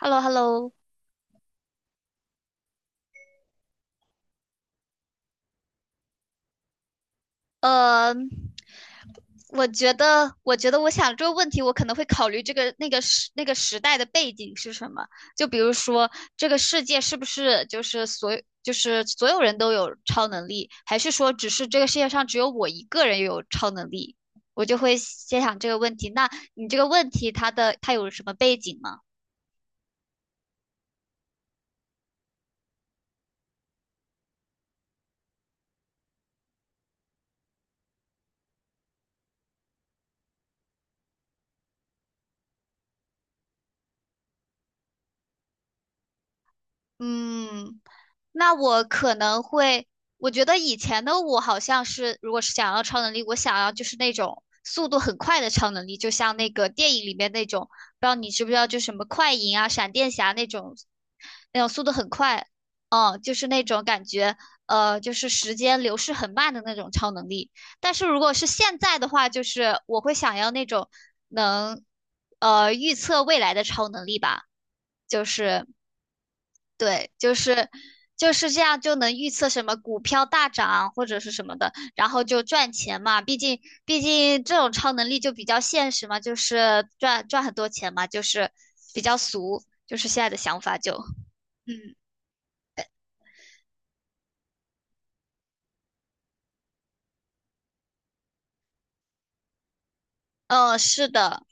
Hello Hello。 呃，我觉得我想这个问题，我可能会考虑这个那个时那个时代的背景是什么。就比如说，这个世界是不是就是所有人都有超能力，还是说只是这个世界上只有我一个人有超能力？我就会先想这个问题。那你这个问题，它有什么背景吗？嗯，那我可能会，我觉得以前的我好像是，如果是想要超能力，我想要就是那种速度很快的超能力，就像那个电影里面那种，不知道你知不知道，就什么快银啊、闪电侠那种，那种速度很快，嗯，就是那种感觉，就是时间流逝很慢的那种超能力。但是如果是现在的话，就是我会想要那种能，预测未来的超能力吧。就是对，就是这样，就能预测什么股票大涨或者是什么的，然后就赚钱嘛。毕竟这种超能力就比较现实嘛，就是赚很多钱嘛，就是比较俗，就是现在的想法就，嗯嗯，是的，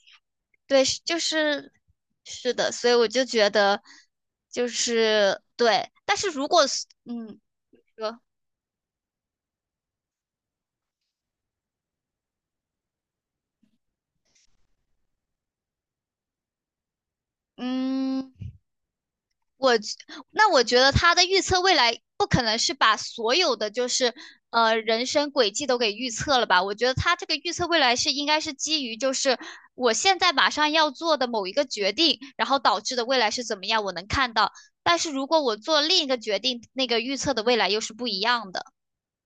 对，是就是是的，所以我就觉得就是对，但是如果是嗯说嗯。我那我觉得他的预测未来不可能是把所有的就是人生轨迹都给预测了吧？我觉得他这个预测未来是应该是基于就是我现在马上要做的某一个决定，然后导致的未来是怎么样，我能看到。但是如果我做另一个决定，那个预测的未来又是不一样的，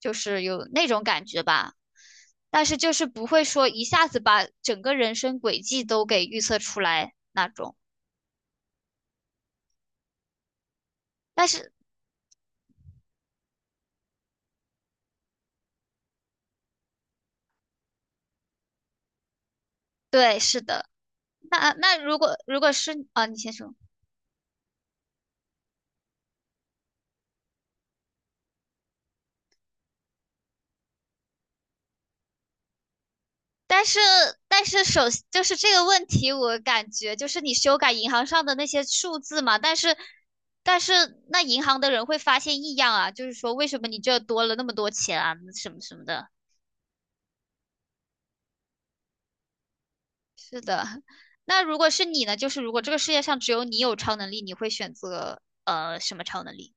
就是有那种感觉吧。但是就是不会说一下子把整个人生轨迹都给预测出来那种。但是对，是的。那如果是啊，你先说。但是但是就是这个问题，我感觉就是你修改银行上的那些数字嘛，但是但是那银行的人会发现异样啊，就是说为什么你这多了那么多钱啊，什么什么的。是的，那如果是你呢？就是如果这个世界上只有你有超能力，你会选择什么超能力？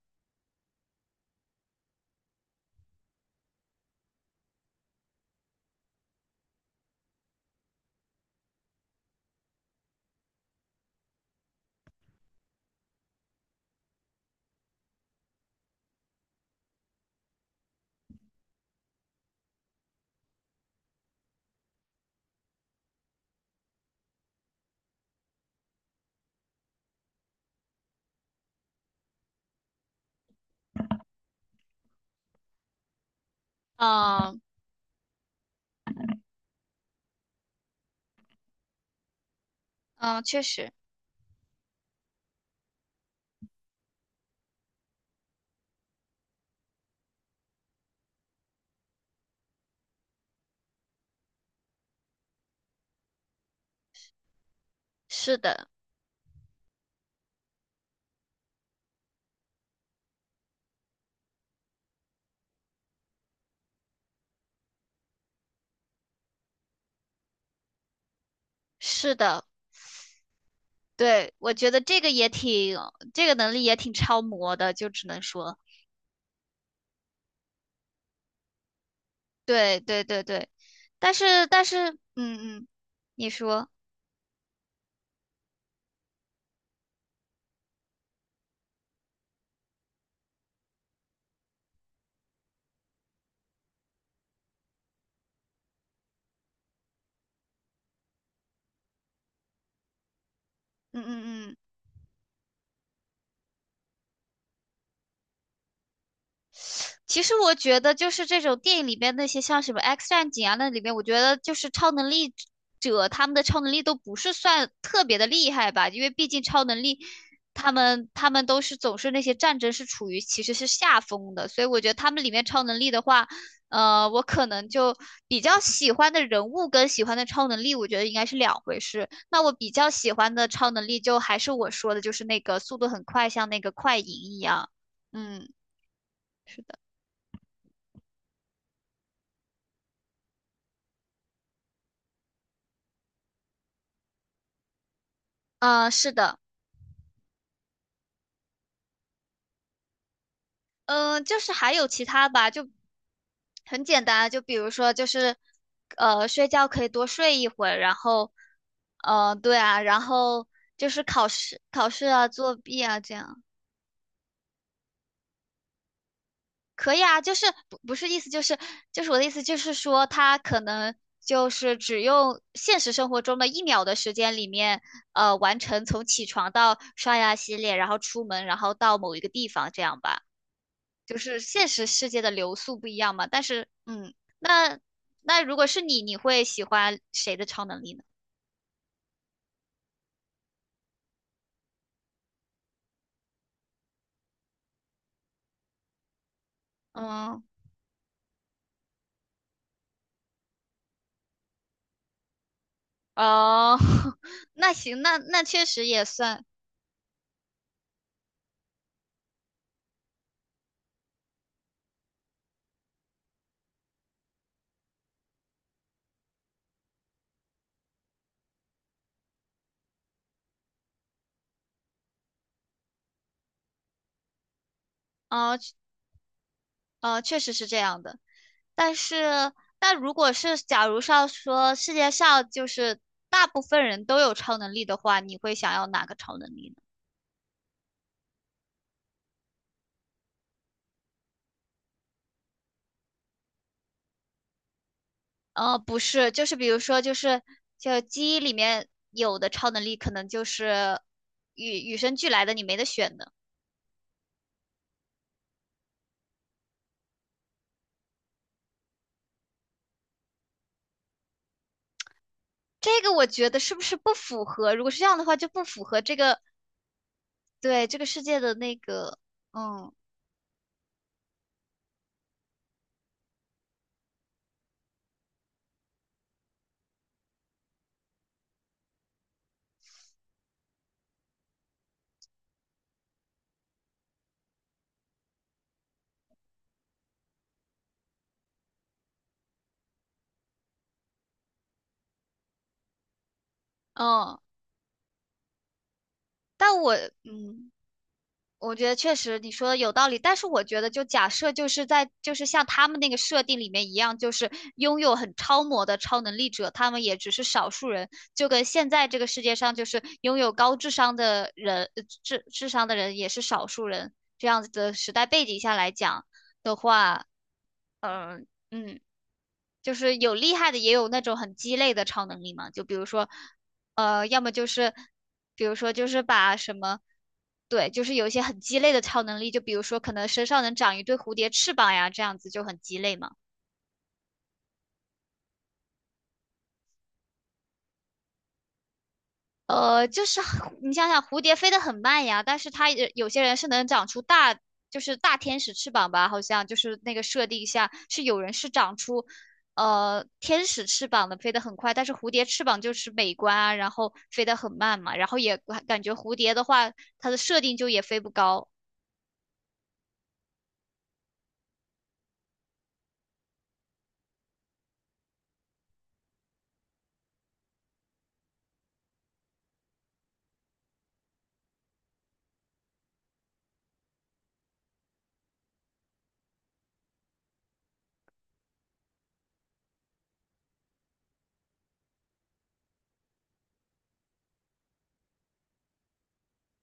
嗯嗯，确实是的，是的。对，我觉得这个也挺，这个能力也挺超模的，就只能说，对对对对，但是，嗯嗯，你说，嗯嗯嗯。其实我觉得，就是这种电影里边那些像什么《X 战警》啊，那里面我觉得就是超能力者他们的超能力都不是算特别的厉害吧，因为毕竟超能力他们都是总是那些战争是处于其实是下风的，所以我觉得他们里面超能力的话，我可能就比较喜欢的人物跟喜欢的超能力，我觉得应该是两回事。那我比较喜欢的超能力就还是我说的，就是那个速度很快，像那个快银一样。嗯，是的。是的，嗯、就是还有其他吧，就很简单啊，就比如说就是，睡觉可以多睡一会儿，然后，对啊，然后就是考试、考试啊、作弊啊这样，可以啊，就是不是意思就是我的意思就是说，他可能就是只用现实生活中的一秒的时间里面，完成从起床到刷牙洗脸，然后出门，然后到某一个地方这样吧。就是现实世界的流速不一样嘛。但是，嗯，那那如果是你，你会喜欢谁的超能力呢？嗯，哦，那行，那确实也算，哦，确实是这样的。但是，那如果是假如上说世界上就是大部分人都有超能力的话，你会想要哪个超能力呢？不是，就是比如说，就基因里面有的超能力，可能就是与生俱来的，你没得选的。这个我觉得是不是不符合？如果是这样的话，就不符合这个，对，这个世界的那个，嗯嗯。但我嗯，我觉得确实你说的有道理，但是我觉得就假设就是在就是像他们那个设定里面一样，就是拥有很超模的超能力者，他们也只是少数人，就跟现在这个世界上就是拥有高智商的人，智商的人也是少数人，这样子的时代背景下来讲的话，嗯。就是有厉害的，也有那种很鸡肋的超能力嘛。就比如说，要么就是，比如说就是把什么，对，就是有一些很鸡肋的超能力，就比如说可能身上能长一对蝴蝶翅膀呀，这样子就很鸡肋嘛。就是你想想，蝴蝶飞得很慢呀，但是它也有些人是能长出大，就是大天使翅膀吧，好像就是那个设定下是有人是长出，天使翅膀的，飞得很快，但是蝴蝶翅膀就是美观啊，然后飞得很慢嘛，然后也感觉蝴蝶的话，它的设定就也飞不高。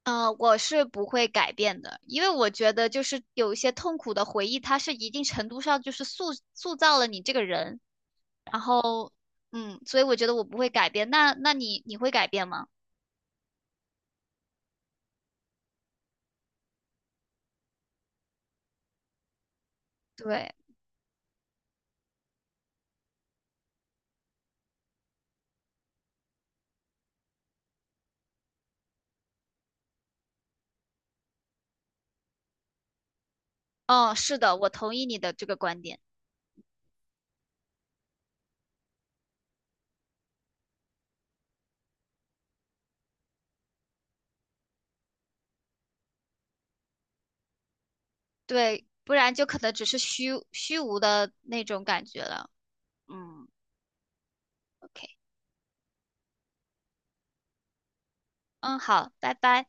我是不会改变的，因为我觉得就是有一些痛苦的回忆，它是一定程度上就是塑造了你这个人。然后，所以我觉得我不会改变。那你会改变吗？对，嗯，是的，我同意你的这个观点。对，不然就可能只是虚无的那种感觉了。嗯，OK，嗯，好，拜拜。